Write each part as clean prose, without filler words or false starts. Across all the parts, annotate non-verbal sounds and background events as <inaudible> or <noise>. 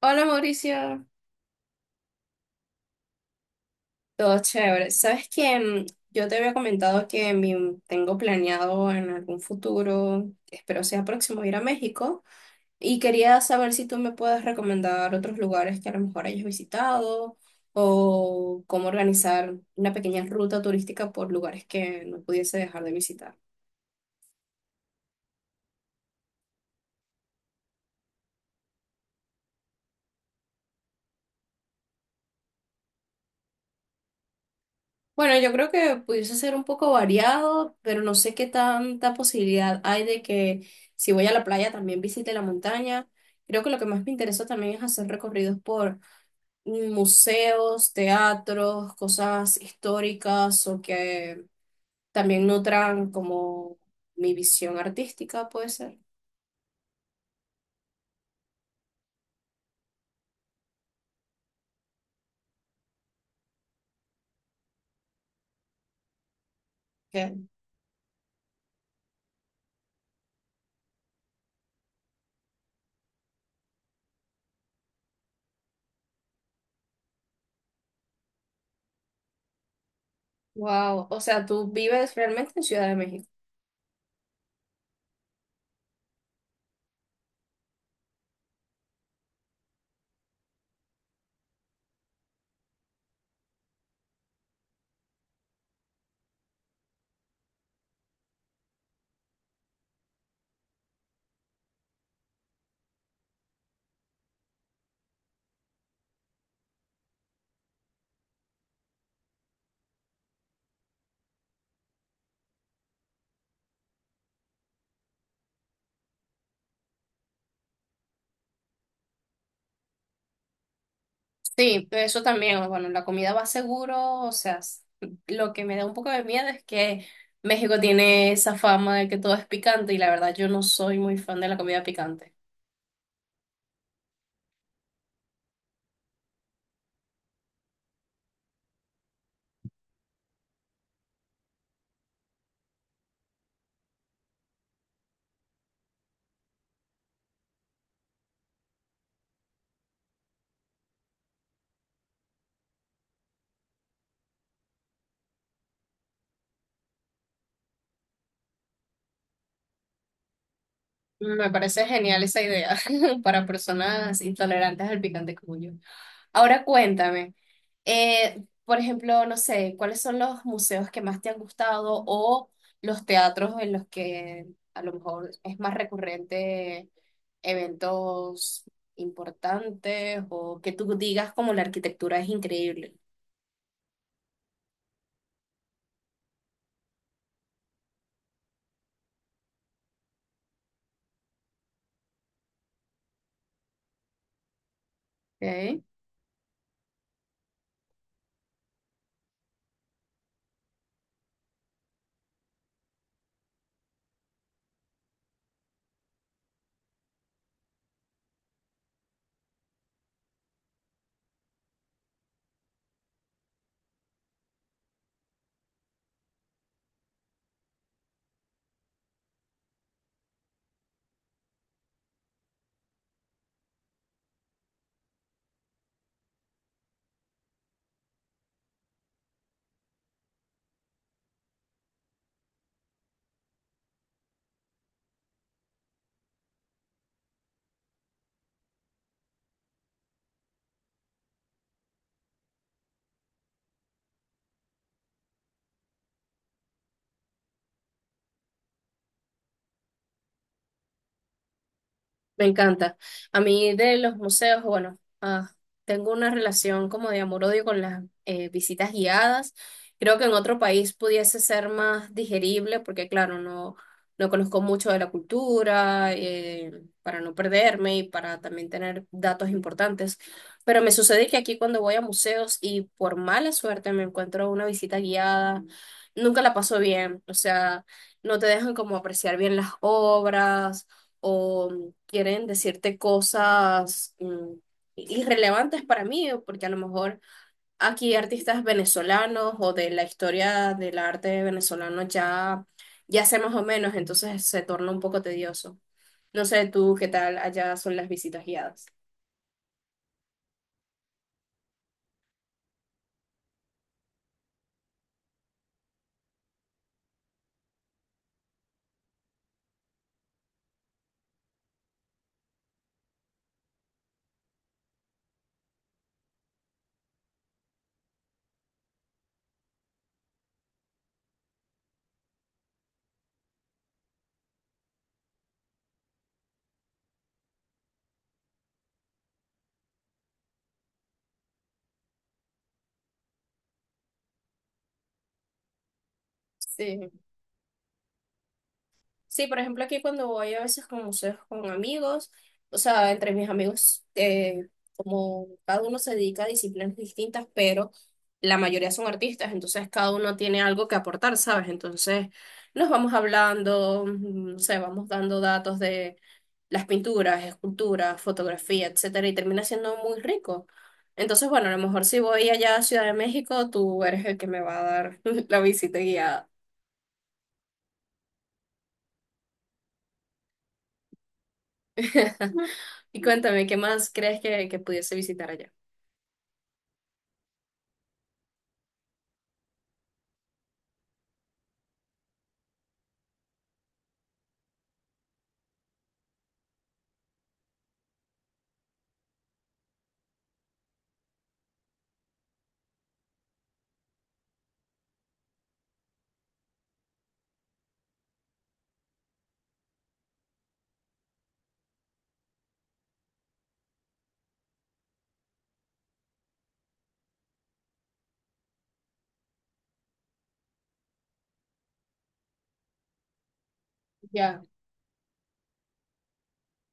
Hola, Mauricio, todo chévere. Sabes que yo te había comentado que tengo planeado en algún futuro, espero sea próximo, ir a México y quería saber si tú me puedes recomendar otros lugares que a lo mejor hayas visitado o cómo organizar una pequeña ruta turística por lugares que no pudiese dejar de visitar. Bueno, yo creo que pudiese ser un poco variado, pero no sé qué tanta posibilidad hay de que si voy a la playa también visite la montaña. Creo que lo que más me interesa también es hacer recorridos por museos, teatros, cosas históricas o que también nutran como mi visión artística, puede ser. Wow, o sea, tú vives realmente en Ciudad de México. Sí, eso también, bueno, la comida va seguro, o sea, lo que me da un poco de miedo es que México tiene esa fama de que todo es picante y la verdad yo no soy muy fan de la comida picante. Me parece genial esa idea <laughs> para personas intolerantes al picante como yo. Ahora cuéntame, por ejemplo, no sé, ¿cuáles son los museos que más te han gustado o los teatros en los que a lo mejor es más recurrente eventos importantes o que tú digas como la arquitectura es increíble? ¿Ok? Me encanta. A mí de los museos, bueno, ah, tengo una relación como de amor-odio con las visitas guiadas. Creo que en otro país pudiese ser más digerible porque, claro, no, no conozco mucho de la cultura, para no perderme y para también tener datos importantes. Pero me sucede que aquí cuando voy a museos y por mala suerte me encuentro una visita guiada, nunca la paso bien. O sea, no te dejan como apreciar bien las obras o quieren decirte cosas irrelevantes para mí, porque a lo mejor aquí artistas venezolanos o de la historia del arte venezolano ya, ya sé más o menos, entonces se torna un poco tedioso. No sé tú qué tal allá son las visitas guiadas. Sí. Sí, por ejemplo, aquí cuando voy a veces con museos con amigos, o sea, entre mis amigos, como cada uno se dedica a disciplinas distintas, pero la mayoría son artistas, entonces cada uno tiene algo que aportar, ¿sabes? Entonces nos vamos hablando, no sé, vamos dando datos de las pinturas, esculturas, fotografía, etcétera, y termina siendo muy rico. Entonces, bueno, a lo mejor si voy allá a Ciudad de México, tú eres el que me va a dar <laughs> la visita guiada. Y cuéntame, ¿qué más crees que pudiese visitar allá? Ya,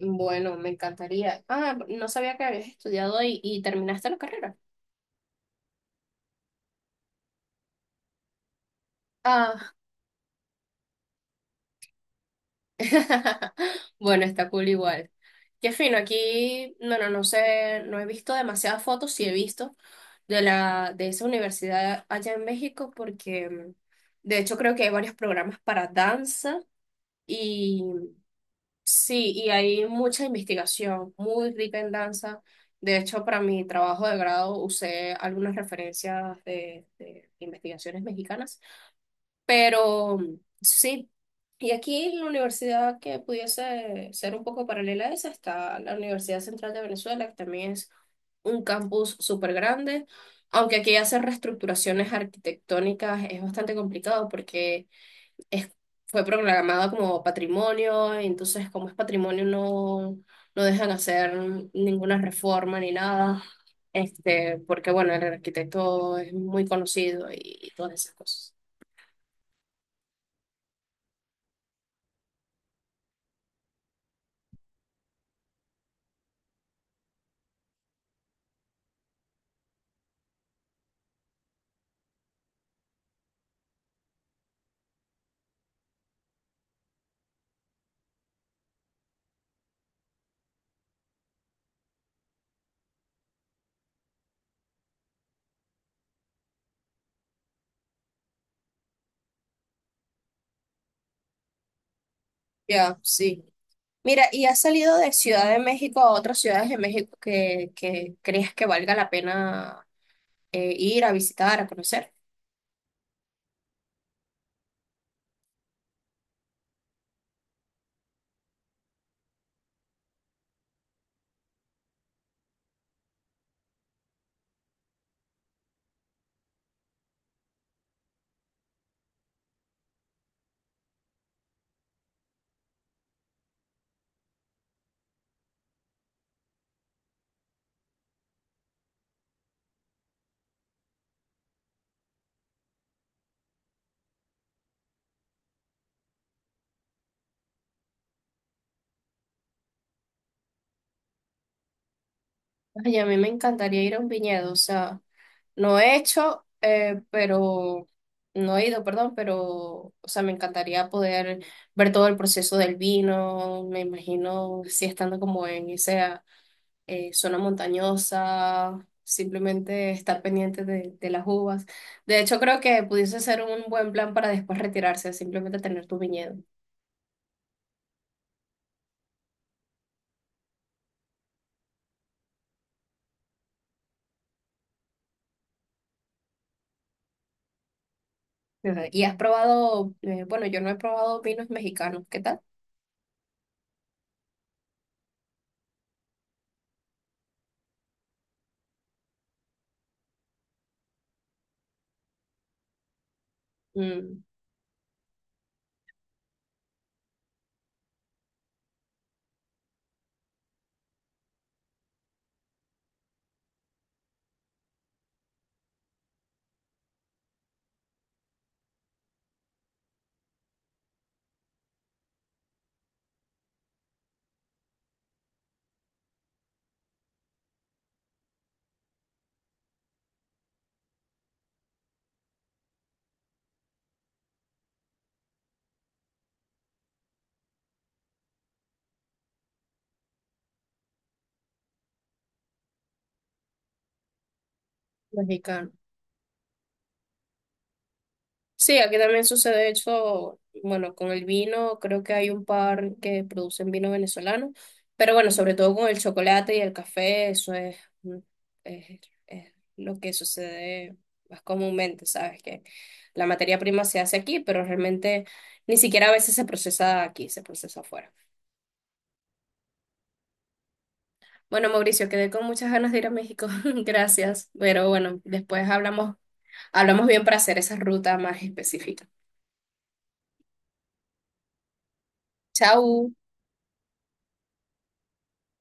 bueno, me encantaría. Ah, no sabía que habías estudiado y terminaste la carrera. Ah, <laughs> bueno, está cool igual. Qué fino, aquí, no, no, no sé, no he visto demasiadas fotos, sí he visto de la, de esa universidad allá en México, porque de hecho creo que hay varios programas para danza. Sí, y hay mucha investigación, muy rica en danza. De hecho, para mi trabajo de grado usé algunas referencias de investigaciones mexicanas, pero sí. Y aquí la universidad que pudiese ser un poco paralela a esa está la Universidad Central de Venezuela, que también es un campus súper grande, aunque aquí hacer reestructuraciones arquitectónicas es bastante complicado porque es- fue proclamada como patrimonio, y entonces como es patrimonio no, no dejan hacer ninguna reforma ni nada, este, porque bueno, el arquitecto es muy conocido y, todas esas cosas. Ya, sí. Mira, ¿y has salido de Ciudad de México a otras ciudades de México que creas que valga la pena ir a visitar, a conocer? Ay, a mí me encantaría ir a un viñedo, o sea... No he hecho, pero no he ido, perdón, pero, o sea, me encantaría poder ver todo el proceso del vino. Me imagino, si estando como en esa zona montañosa, simplemente estar pendiente de las uvas. De hecho, creo que pudiese ser un buen plan para después retirarse, simplemente tener tu viñedo. Ajá. Y has probado, bueno, yo no he probado vinos mexicanos, ¿qué tal? Mm, mexicano. Sí, aquí también sucede, de hecho, bueno, con el vino, creo que hay un par que producen vino venezolano, pero bueno, sobre todo con el chocolate y el café, eso es, mm, es, es lo que sucede más comúnmente, ¿sabes? Que la materia prima se hace aquí, pero realmente ni siquiera a veces se procesa aquí, se procesa afuera. Bueno, Mauricio, quedé con muchas ganas de ir a México, <laughs> gracias, pero bueno, después hablamos, hablamos bien para hacer esa ruta más específica. Chao.